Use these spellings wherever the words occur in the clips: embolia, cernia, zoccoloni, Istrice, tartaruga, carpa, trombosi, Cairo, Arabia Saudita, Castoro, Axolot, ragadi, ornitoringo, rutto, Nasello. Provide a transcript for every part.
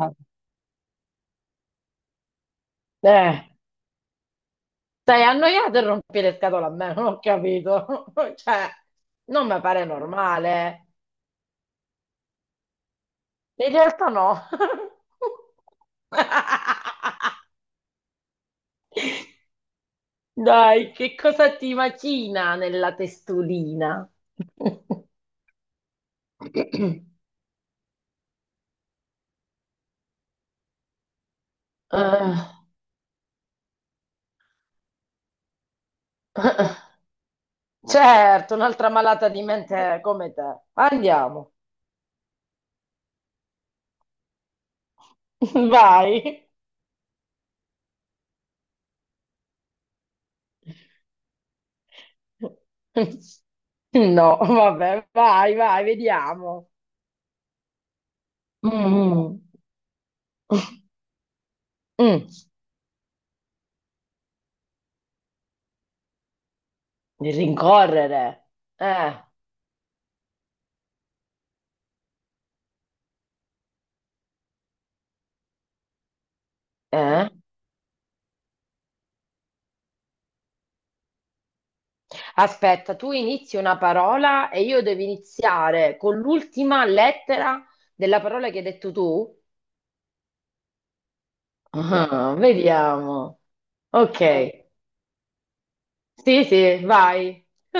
Eh, stai annoiato e rompi le scatole a me, non ho capito. Cioè, non mi pare normale. In realtà no. Dai, che cosa ti macina nella testolina? Eh, certo, un'altra malata di mente come te. Andiamo. Vai. No, vabbè, vai, vai, vediamo. Mm, mm, mm. Il Rincorrere. Eh, eh. Aspetta, tu inizi una parola e io devo iniziare con l'ultima lettera della parola che hai detto tu. Ah, vediamo. Ok. Sì, sì, vai.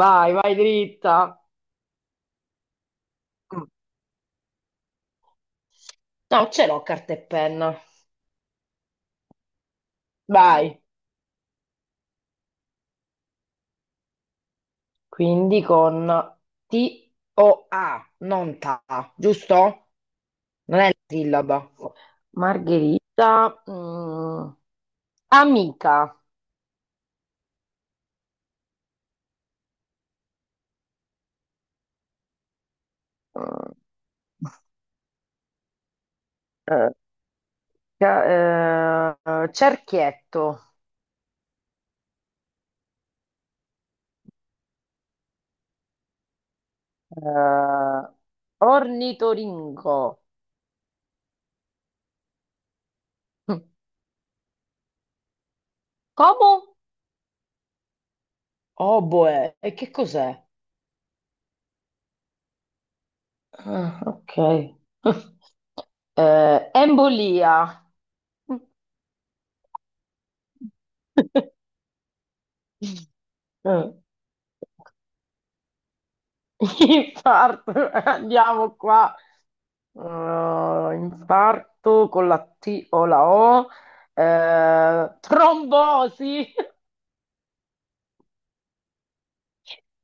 Vai, vai dritta. Mm. No, ce l'ho carta e penna. Vai. Quindi con T-O-A, non TA, giusto? Non è la sillaba. Margherita, amica, mm, eh, ca- cerchietto, eh, ornitoringo. Come? Oboe, e che cos'è? Ah, ok. Embolia. Eh, Infarto, andiamo qua. Infarto con la T o la O, trombosi.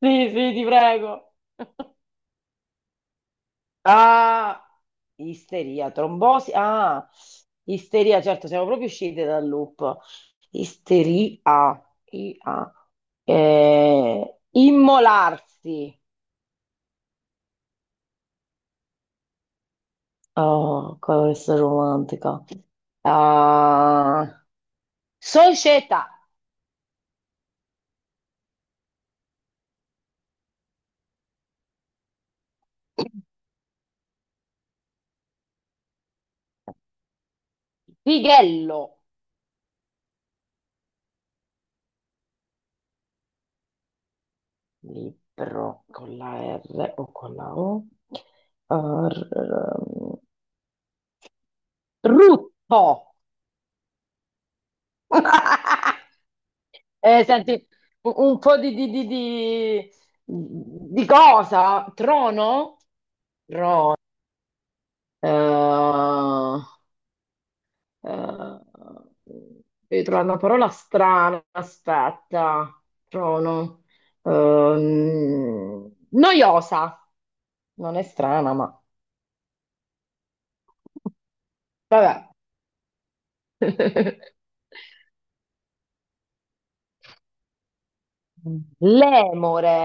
Sì, sì, ti prego. Ah, isteria, trombosi. Ah, isteria, certo, siamo proprio uscite dal loop. Isteria, I-A. Immolarsi. Oh, questa è romantica. Ah, società. Fighello. Libro con la R o con la O? Uh, r- r- rutto! Senti, un po' di, di cosa? Trono? Ro- eh, eh, devi trovare una parola strana, aspetta, trono. Noiosa, non è strana, ma vabbè. Lemore,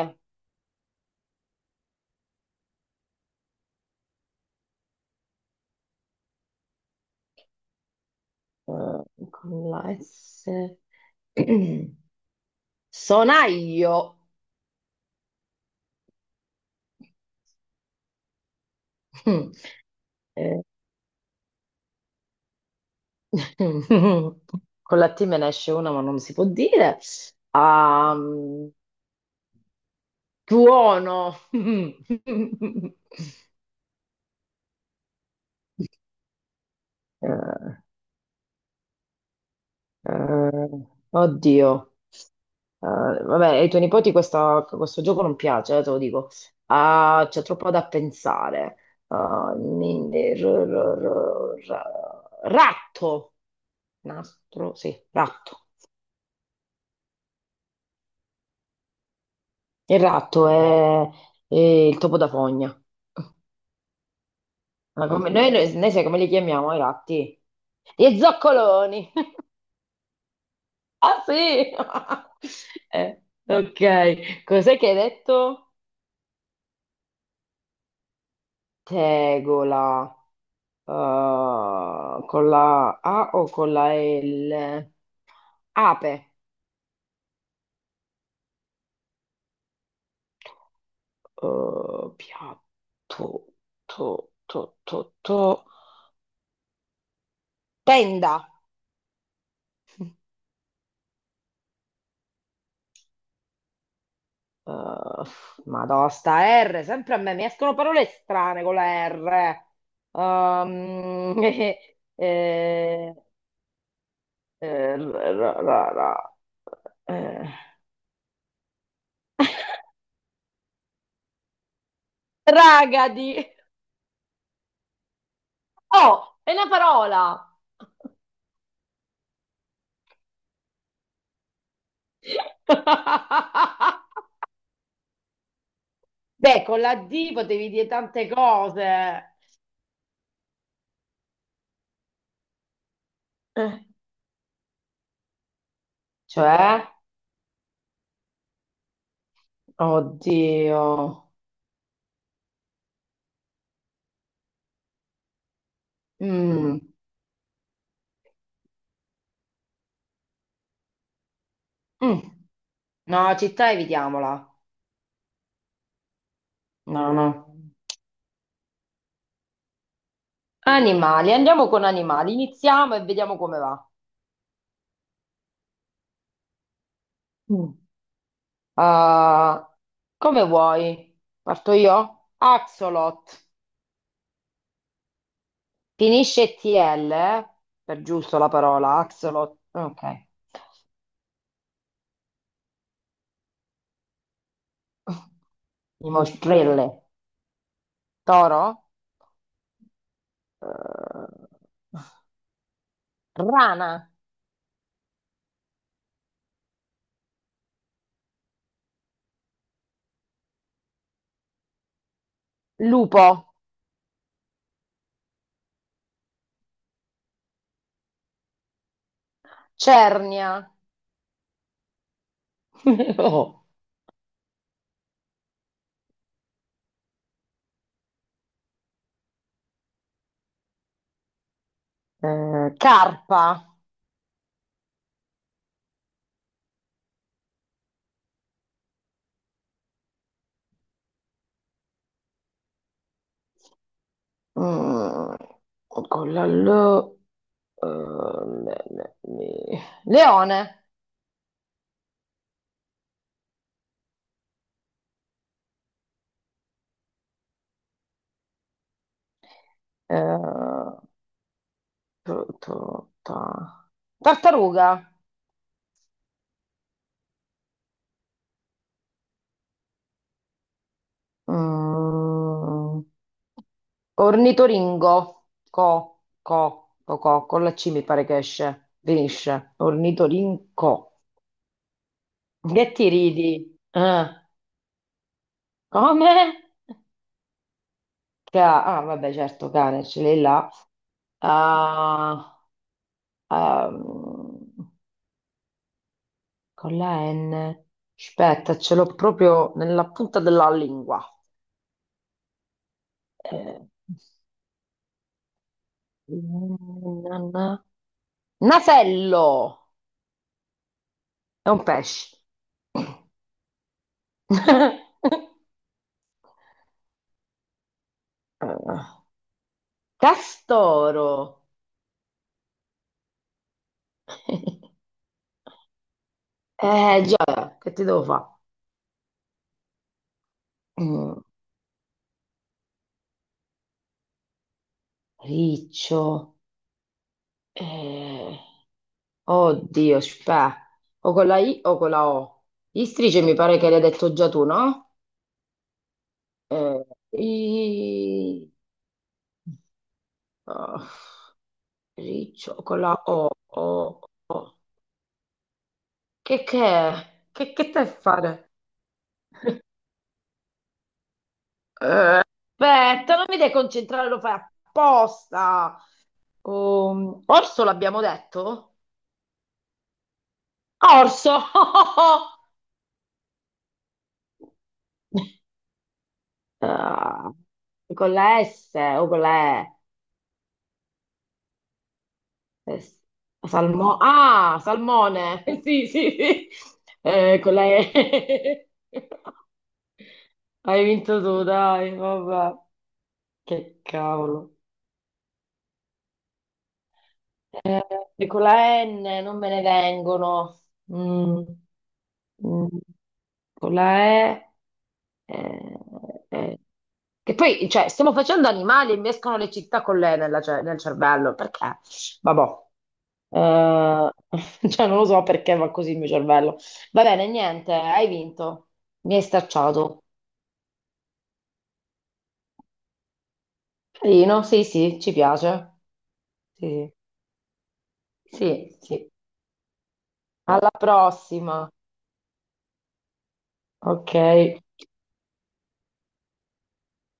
eh, con la S, sonaglio, Eh, con la T me ne esce una ma non si può dire, Ehm, tuono, Eh, Eh, oddio. Vabbè, ai tuoi nipoti questo gioco non piace, te lo dico. Ah, c'è troppo da pensare. Ah, ratto. Nastro, sì, ratto. Il ratto è il topo da fogna. Ma noi sai come li chiamiamo i ratti? Gli zoccoloni. Ah sì! Ok, cos'è che hai detto? Tegola. Con la A o con la L? Ape. Piatto, to, to, to, to. Tenda. Uh, Madonna, sta R, sempre a me mi escono parole strane con la R. Um, eh, eh, ra- ra- ra- ra- eh. Ragadi. Oh, è una parola. Beh, con la D potevi dire tante cose. Eh, Cioè, oddio. Mm, mm. No, città evitiamola. No, no. Animali, andiamo con animali. Iniziamo e vediamo come va. Mm. Ah, come vuoi? Parto io? Axolot. Finisce TL, eh? Per giusto la parola, Axolot. Ok. Dimostrelle. Toro? Eh, rana. Lupo, cernia, No. Carpa, mm, con la L, eh, le- le- le- leone, eh, tu- tu- ta- tartaruga, mm, ornitoringo, co, con la C mi pare che esce, finisce, ornitorinco. Che ti ridi? Come? Ah, vabbè, certo, cane, ce l'hai là. Ah, ehm, con la N. Aspetta, ce l'ho proprio nella punta della lingua. Eh, na- na- Nasello! È un pesce. Eh, Castoro! Eh già, che ti devo fare? Riccio. Eh. Oddio, spè. O con la I o con la O. Istrice mi pare che l'hai detto già tu, no? Eh, I, oh, riccio con la O. O. Che è? Che stai a fare? Aspetta, non mi devi concentrare, lo fai apposta. Orso l'abbiamo detto? Orso! Ah, con la S o con la E? Eh, s- ah, salmone. Sì, sì, sì. Con la E. Hai vinto tu, dai, vabbè. Che cavolo. Eh, e con la N non me ne vengono. Mm, mm, con la E. eh, eh. Che poi, cioè, stiamo facendo animali e mi escono le città con l'E nella nel cervello. Perché? Vabbè. Eh, cioè, non lo so perché va così il mio cervello. Va bene, niente, hai vinto. Mi hai stacciato. Carino, sì, sì, ci piace. Sì, sì, sì. Alla prossima. Ok.